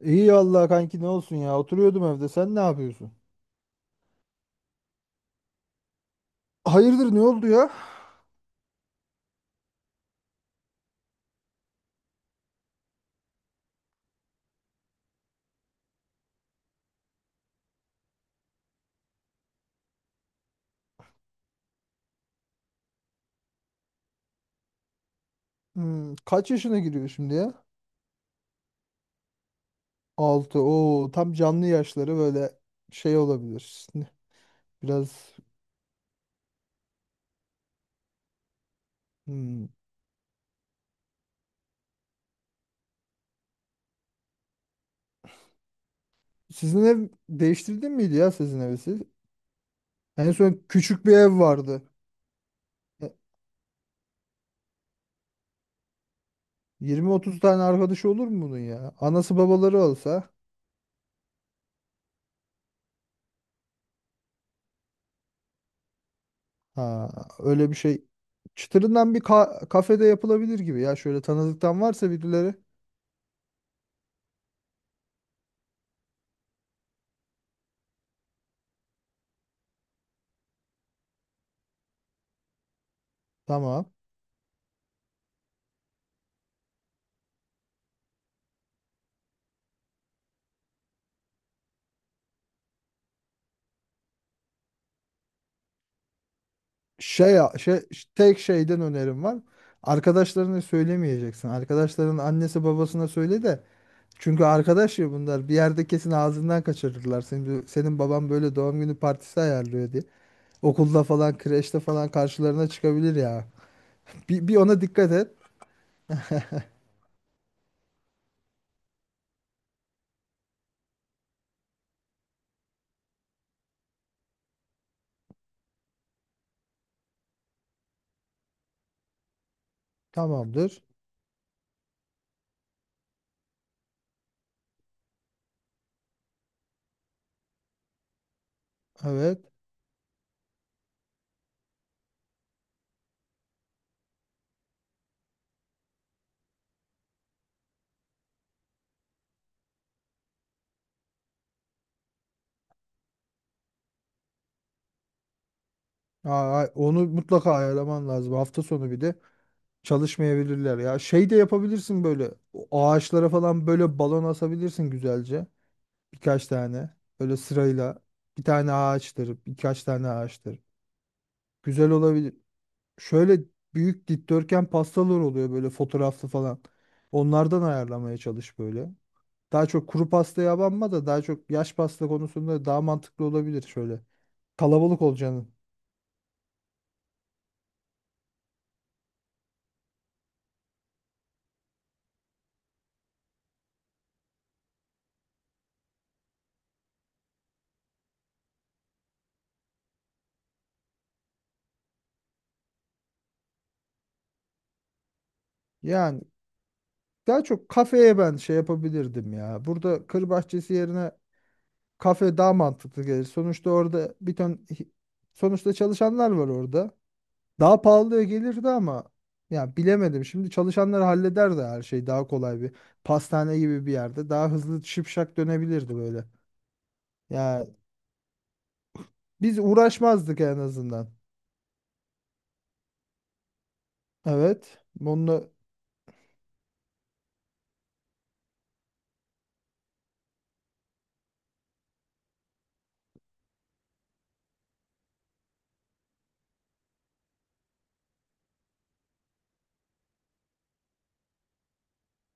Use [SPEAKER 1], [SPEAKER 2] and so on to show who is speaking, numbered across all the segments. [SPEAKER 1] İyi vallahi kanki ne olsun ya. Oturuyordum evde. Sen ne yapıyorsun? Hayırdır ne oldu ya? Hmm, kaç yaşına giriyor şimdi ya? Altı. Oo tam canlı yaşları böyle şey olabilir. Biraz hmm. Sizin ev değiştirdin miydi ya sizin evi siz? En son küçük bir ev vardı. E, 20-30 tane arkadaşı olur mu bunun ya? Anası babaları olsa ha, öyle bir şey. Çıtırından bir kafede yapılabilir gibi ya. Şöyle tanıdıktan varsa birileri. Tamam. Şey, tek şeyden önerim var. Arkadaşlarına söylemeyeceksin. Arkadaşların annesi babasına söyle de. Çünkü arkadaş ya bunlar. Bir yerde kesin ağzından kaçırırlar. Senin baban böyle doğum günü partisi ayarlıyor diye. Okulda falan, kreşte falan karşılarına çıkabilir ya. Bir ona dikkat et. Tamamdır. Evet. Aa, onu mutlaka ayarlaman lazım. Hafta sonu bir de çalışmayabilirler ya. Şey de yapabilirsin böyle. O ağaçlara falan böyle balon asabilirsin güzelce. Birkaç tane. Böyle sırayla bir tane ağaçtır, birkaç tane ağaçtır. Güzel olabilir. Şöyle büyük dikdörtgen pastalar oluyor böyle fotoğraflı falan. Onlardan ayarlamaya çalış böyle. Daha çok kuru pastaya abanma da daha çok yaş pasta konusunda daha mantıklı olabilir şöyle. Kalabalık olacağını. Yani daha çok kafeye ben şey yapabilirdim ya. Burada kır bahçesi yerine kafe daha mantıklı gelir. Sonuçta orada bir ton sonuçta çalışanlar var orada. Daha pahalıya gelirdi ama ya bilemedim. Şimdi çalışanları hallederdi her şey daha kolay bir pastane gibi bir yerde. Daha hızlı şipşak dönebilirdi böyle. Ya biz uğraşmazdık en azından. Evet. Onunla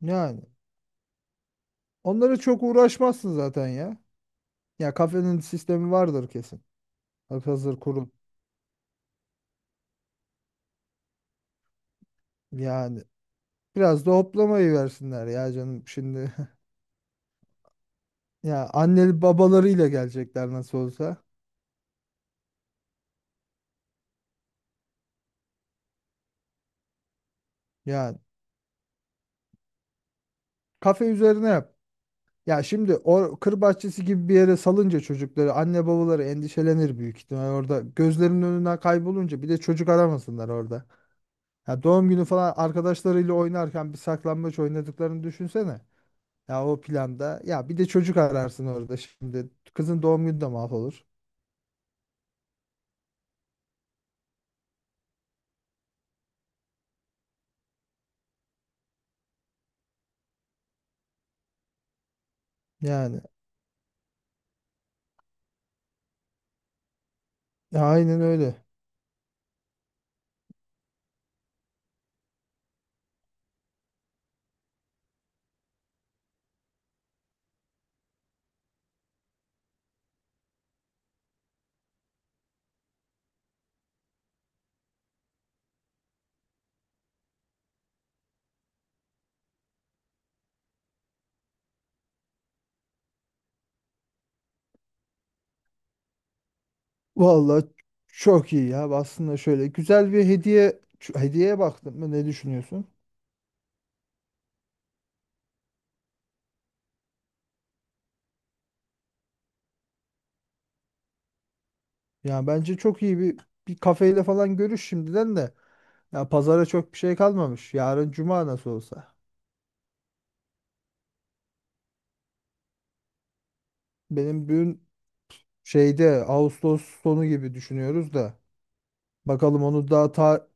[SPEAKER 1] yani onlara çok uğraşmazsın zaten ya. Ya kafenin sistemi vardır kesin. Hazır kurum. Yani biraz da hoplamayı versinler ya canım şimdi. Ya anneli babalarıyla gelecekler nasıl olsa. Yani kafe üzerine yap. Ya şimdi o kır bahçesi gibi bir yere salınca çocukları anne babaları endişelenir büyük ihtimal orada. Gözlerinin önünden kaybolunca bir de çocuk aramasınlar orada. Ya doğum günü falan arkadaşlarıyla oynarken bir saklambaç oynadıklarını düşünsene. Ya o planda ya bir de çocuk ararsın orada şimdi. Kızın doğum günü de mahvolur. Yani ya aynen öyle. Vallahi çok iyi ya aslında şöyle güzel bir hediye hediyeye baktın mı ne düşünüyorsun? Ya bence çok iyi bir kafeyle falan görüş şimdiden de. Ya pazara çok bir şey kalmamış. Yarın cuma nasıl olsa. Benim düğün şeyde Ağustos sonu gibi düşünüyoruz da. Bakalım onu daha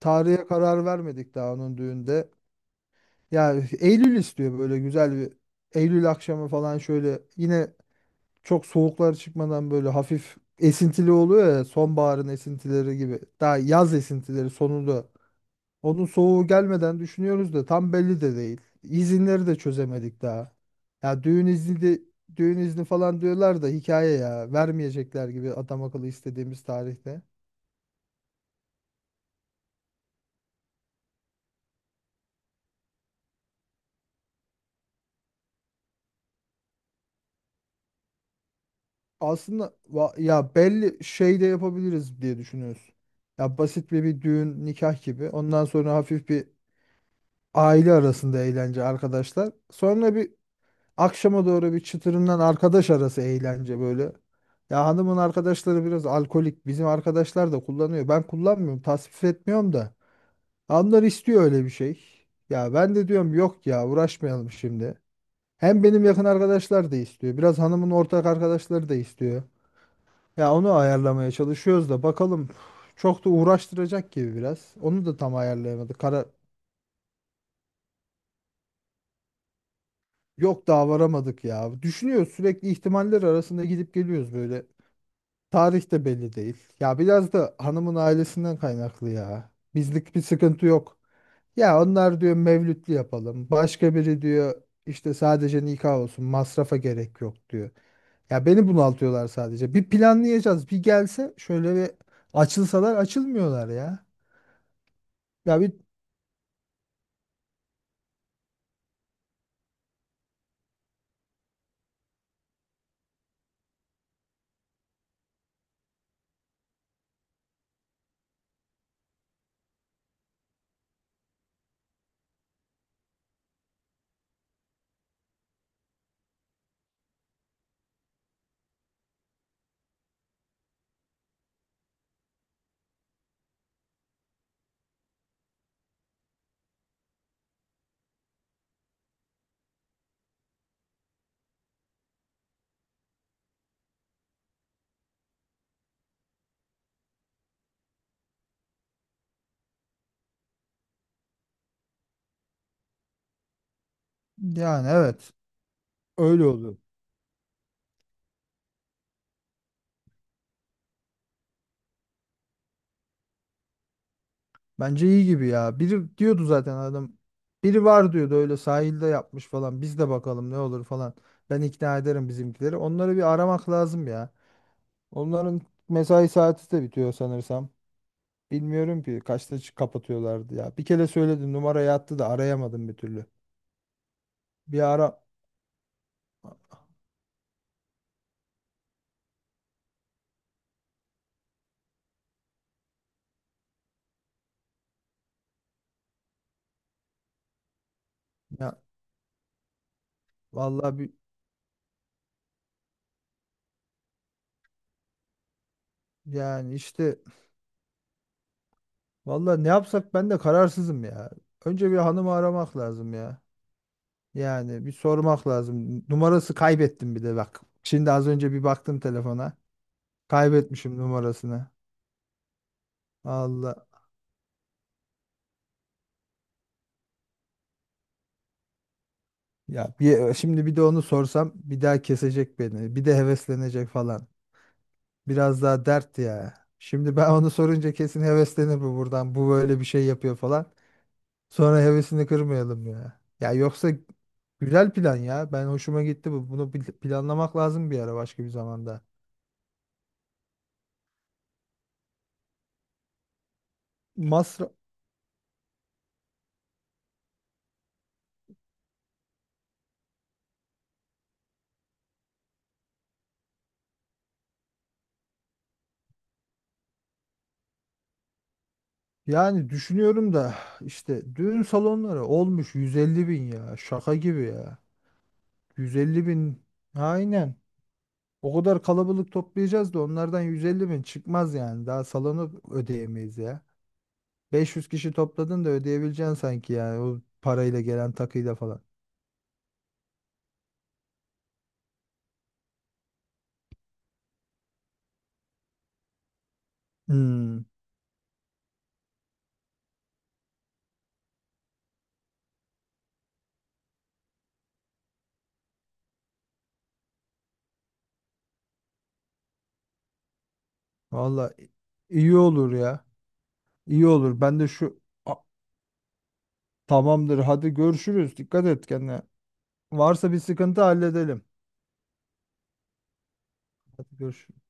[SPEAKER 1] tarihe karar vermedik daha onun düğünde. Ya Eylül istiyor böyle güzel bir Eylül akşamı falan şöyle yine çok soğuklar çıkmadan böyle hafif esintili oluyor ya sonbaharın esintileri gibi. Daha yaz esintileri sonunda. Onun soğuğu gelmeden düşünüyoruz da tam belli de değil. İzinleri de çözemedik daha. Ya düğün izni de düğün izni falan diyorlar da hikaye ya. Vermeyecekler gibi adam akıllı istediğimiz tarihte. Aslında ya belli şey de yapabiliriz diye düşünüyoruz. Ya basit bir düğün nikah gibi. Ondan sonra hafif bir aile arasında eğlence arkadaşlar. Sonra bir akşama doğru bir çıtırından arkadaş arası eğlence böyle. Ya hanımın arkadaşları biraz alkolik. Bizim arkadaşlar da kullanıyor. Ben kullanmıyorum, tasvip etmiyorum da. Onlar istiyor öyle bir şey. Ya ben de diyorum yok ya uğraşmayalım şimdi. Hem benim yakın arkadaşlar da istiyor. Biraz hanımın ortak arkadaşları da istiyor. Ya onu ayarlamaya çalışıyoruz da bakalım. Çok da uğraştıracak gibi biraz. Onu da tam ayarlayamadık. Kara yok daha varamadık ya. Düşünüyoruz sürekli ihtimaller arasında gidip geliyoruz böyle. Tarih de belli değil. Ya biraz da hanımın ailesinden kaynaklı ya. Bizlik bir sıkıntı yok. Ya onlar diyor mevlütlü yapalım. Başka biri diyor işte sadece nikah olsun. Masrafa gerek yok diyor. Ya beni bunaltıyorlar sadece. Bir planlayacağız. Bir gelse şöyle bir açılsalar açılmıyorlar ya. Ya bir yani evet öyle oluyor. Bence iyi gibi ya. Biri diyordu zaten adam. Biri var diyordu öyle sahilde yapmış falan. Biz de bakalım ne olur falan. Ben ikna ederim bizimkileri. Onları bir aramak lazım ya. Onların mesai saati de bitiyor sanırsam. Bilmiyorum ki kaçta kapatıyorlardı ya. Bir kere söyledim numarayı attı da arayamadım bir türlü. Bir ara ya vallahi bir yani işte vallahi ne yapsak ben de kararsızım ya. Önce bir hanımı aramak lazım ya. Yani bir sormak lazım. Numarası kaybettim bir de bak. Şimdi az önce bir baktım telefona. Kaybetmişim numarasını. Allah. Ya bir, şimdi bir de onu sorsam bir daha kesecek beni. Bir de heveslenecek falan. Biraz daha dert ya. Şimdi ben onu sorunca kesin heveslenir bu buradan. Bu böyle bir şey yapıyor falan. Sonra hevesini kırmayalım ya. Ya yoksa güzel plan ya. Ben hoşuma gitti bu. Bunu planlamak lazım bir ara başka bir zamanda. Masraf yani düşünüyorum da işte düğün salonları olmuş 150 bin ya. Şaka gibi ya. 150 bin. Aynen. O kadar kalabalık toplayacağız da onlardan 150 bin çıkmaz yani. Daha salonu ödeyemeyiz ya. 500 kişi topladın da ödeyebileceksin sanki yani. O parayla gelen takıyla falan. Hmm, valla iyi olur ya. İyi olur. Ben de şu A- tamamdır. Hadi görüşürüz. Dikkat et kendine. Varsa bir sıkıntı halledelim. Hadi görüşürüz.